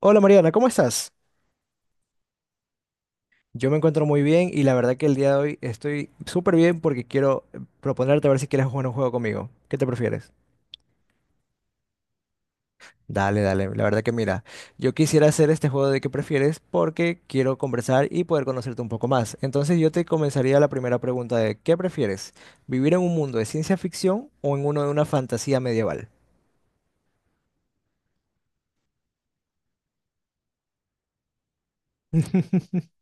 Hola Mariana, ¿cómo estás? Yo me encuentro muy bien y la verdad que el día de hoy estoy súper bien porque quiero proponerte a ver si quieres jugar un juego conmigo. ¿Qué te prefieres? Dale, dale, la verdad que mira, yo quisiera hacer este juego de qué prefieres porque quiero conversar y poder conocerte un poco más. Entonces yo te comenzaría la primera pregunta de ¿qué prefieres? ¿Vivir en un mundo de ciencia ficción o en uno de una fantasía medieval?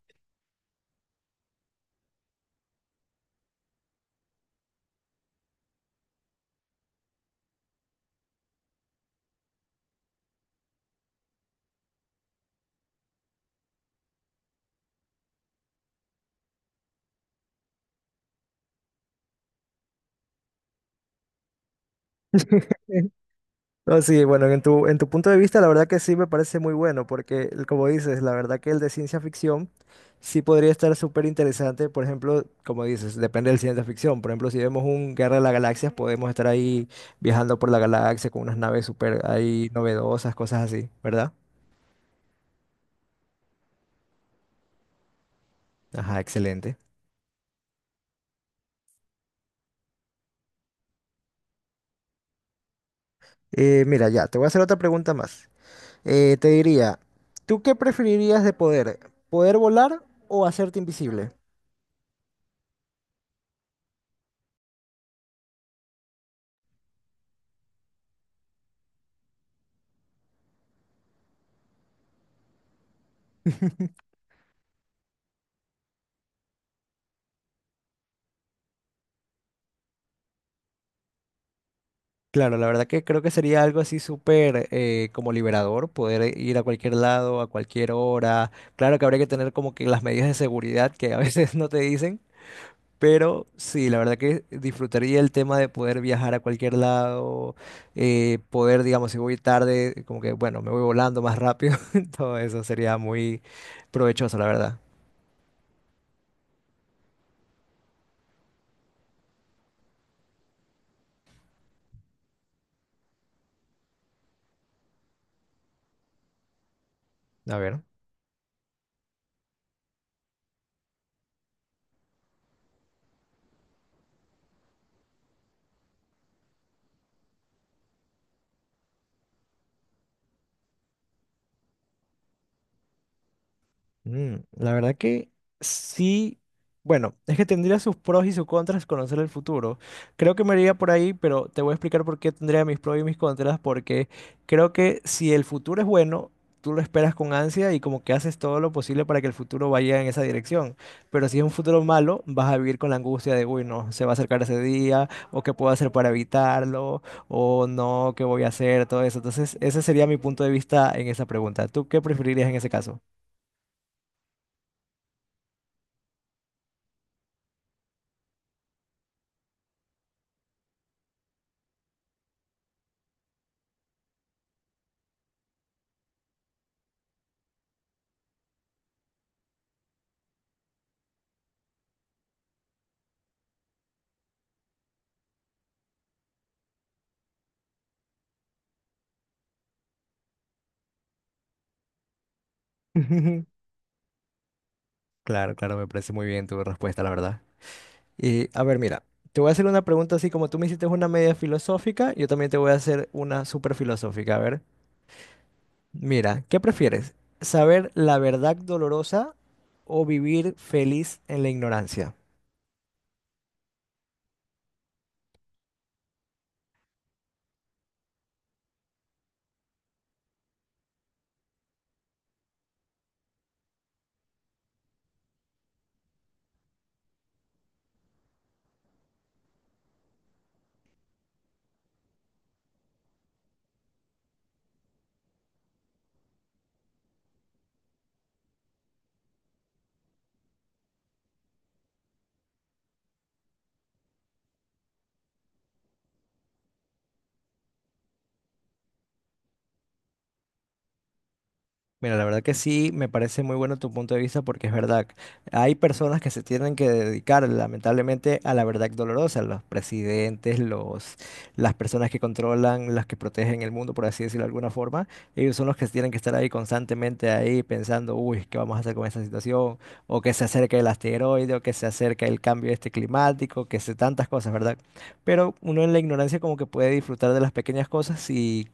No, sí, bueno, en tu punto de vista, la verdad que sí me parece muy bueno, porque como dices, la verdad que el de ciencia ficción sí podría estar súper interesante. Por ejemplo, como dices, depende del ciencia ficción. Por ejemplo, si vemos un Guerra de las Galaxias, podemos estar ahí viajando por la galaxia con unas naves súper ahí novedosas, cosas así, ¿verdad? Ajá, excelente. Mira, ya, te voy a hacer otra pregunta más. Te diría, ¿tú qué preferirías de poder? ¿Poder volar o hacerte invisible? Claro, la verdad que creo que sería algo así súper como liberador, poder ir a cualquier lado, a cualquier hora. Claro que habría que tener como que las medidas de seguridad que a veces no te dicen, pero sí, la verdad que disfrutaría el tema de poder viajar a cualquier lado, poder, digamos, si voy tarde, como que, bueno, me voy volando más rápido. Todo eso sería muy provechoso, la verdad. A ver. Mm, la verdad que sí, bueno, es que tendría sus pros y sus contras conocer el futuro. Creo que me iría por ahí, pero te voy a explicar por qué tendría mis pros y mis contras, porque creo que si el futuro es bueno, tú lo esperas con ansia y como que haces todo lo posible para que el futuro vaya en esa dirección. Pero si es un futuro malo, vas a vivir con la angustia de, uy, no, se va a acercar ese día, o qué puedo hacer para evitarlo, o no, qué voy a hacer, todo eso. Entonces, ese sería mi punto de vista en esa pregunta. ¿Tú qué preferirías en ese caso? Claro, claro, me parece muy bien tu respuesta, la verdad. Y a ver, mira, te voy a hacer una pregunta así como tú me hiciste una media filosófica, yo también te voy a hacer una súper filosófica. A ver, mira, ¿qué prefieres? ¿Saber la verdad dolorosa o vivir feliz en la ignorancia? Mira, la verdad que sí, me parece muy bueno tu punto de vista porque es verdad, hay personas que se tienen que dedicar lamentablemente a la verdad dolorosa, los presidentes, los, las personas que controlan, las que protegen el mundo, por así decirlo de alguna forma, ellos son los que tienen que estar ahí constantemente ahí pensando, uy, ¿qué vamos a hacer con esta situación? O que se acerca el asteroide, o que se acerca el cambio este climático, que se tantas cosas, ¿verdad? Pero uno en la ignorancia como que puede disfrutar de las pequeñas cosas y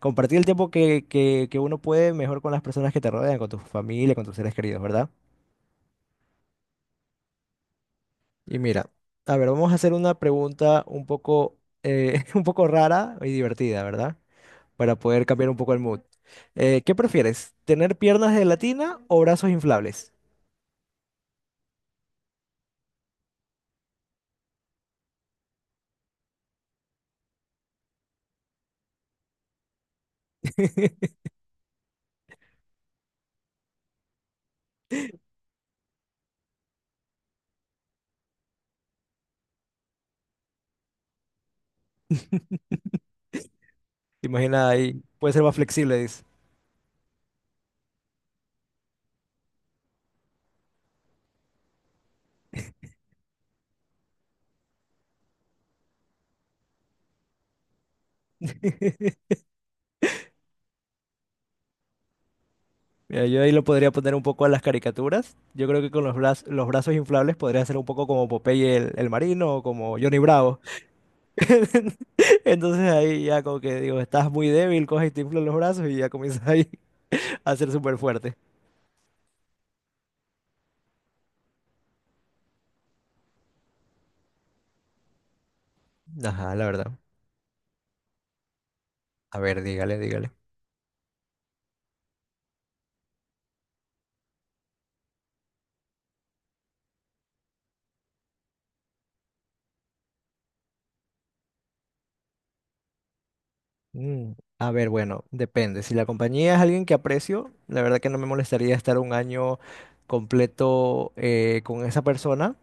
compartir el tiempo que uno puede mejor con las personas que te rodean, con tu familia, con tus seres queridos, ¿verdad? Y mira, a ver, vamos a hacer una pregunta un poco, un poco rara y divertida, ¿verdad? Para poder cambiar un poco el mood. ¿Qué prefieres? ¿Tener piernas de gelatina o brazos inflables? ¿Te imaginas ahí? Puede ser más flexible, dice. Mira, yo ahí lo podría poner un poco a las caricaturas. Yo creo que con los, los brazos inflables podría ser un poco como Popeye el marino o como Johnny Bravo. Entonces ahí ya como que digo, estás muy débil, coges y te inflas los brazos y ya comienzas ahí a ser súper fuerte. Ajá, la verdad. A ver, dígale, dígale. Mm, a ver, bueno, depende. Si la compañía es alguien que aprecio, la verdad que no me molestaría estar un año completo con esa persona.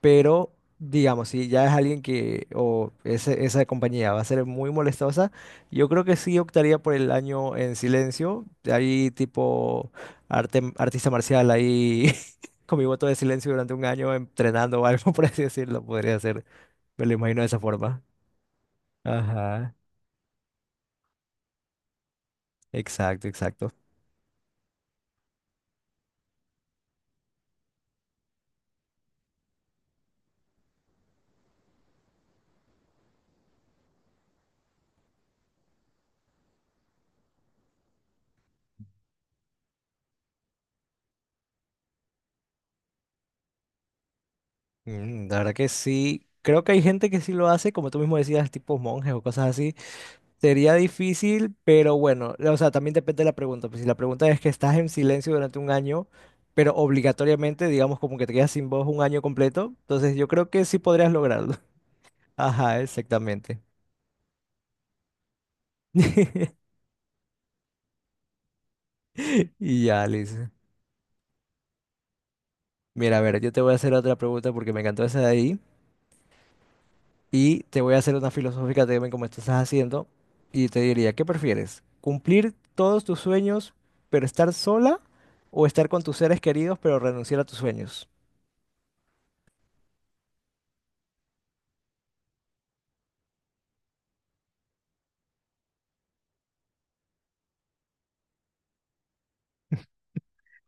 Pero, digamos, si ya es alguien que, o esa compañía va a ser muy molestosa, yo creo que sí optaría por el año en silencio. Ahí tipo artista marcial ahí con mi voto de silencio durante un año entrenando o algo, por así decirlo, podría hacer. Me lo imagino de esa forma. Ajá, exacto, exacto. Mm, la verdad que sí. Creo que hay gente que sí lo hace, como tú mismo decías, tipo monjes o cosas así. Sería difícil, pero bueno, o sea, también depende de la pregunta. Pues si la pregunta es que estás en silencio durante un año, pero obligatoriamente, digamos, como que te quedas sin voz un año completo, entonces yo creo que sí podrías lograrlo. Ajá, exactamente. Y ya, Liz. Mira, a ver, yo te voy a hacer otra pregunta porque me encantó esa de ahí. Y te voy a hacer una filosófica también como tú estás haciendo. Y te diría, ¿qué prefieres? ¿Cumplir todos tus sueños, pero estar sola? ¿O estar con tus seres queridos, pero renunciar a tus sueños?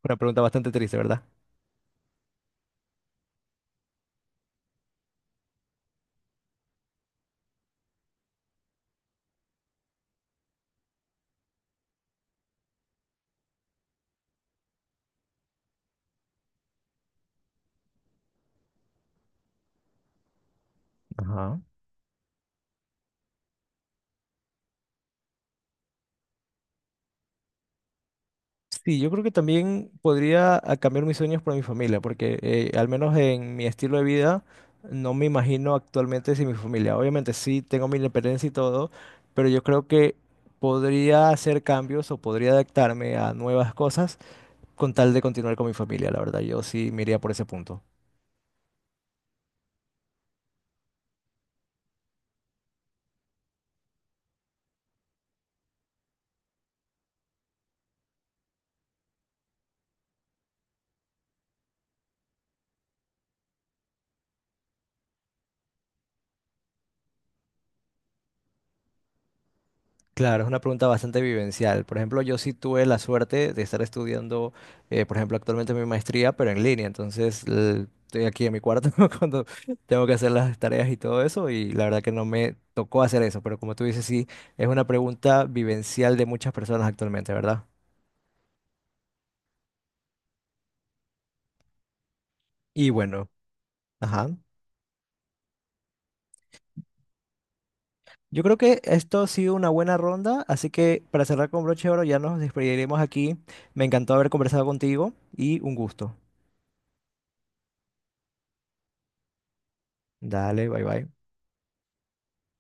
Una pregunta bastante triste, ¿verdad? Ajá. Sí, yo creo que también podría ah, cambiar mis sueños por mi familia, porque al menos en mi estilo de vida no me imagino actualmente sin mi familia. Obviamente sí tengo mi independencia y todo, pero yo creo que podría hacer cambios o podría adaptarme a nuevas cosas con tal de continuar con mi familia, la verdad. Yo sí me iría por ese punto. Claro, es una pregunta bastante vivencial. Por ejemplo, yo sí tuve la suerte de estar estudiando, por ejemplo, actualmente mi maestría, pero en línea. Entonces, estoy aquí en mi cuarto cuando tengo que hacer las tareas y todo eso, y la verdad que no me tocó hacer eso. Pero como tú dices, sí, es una pregunta vivencial de muchas personas actualmente, ¿verdad? Y bueno, ajá. Yo creo que esto ha sido una buena ronda, así que para cerrar con broche de oro ya nos despediremos aquí. Me encantó haber conversado contigo y un gusto. Dale, bye bye.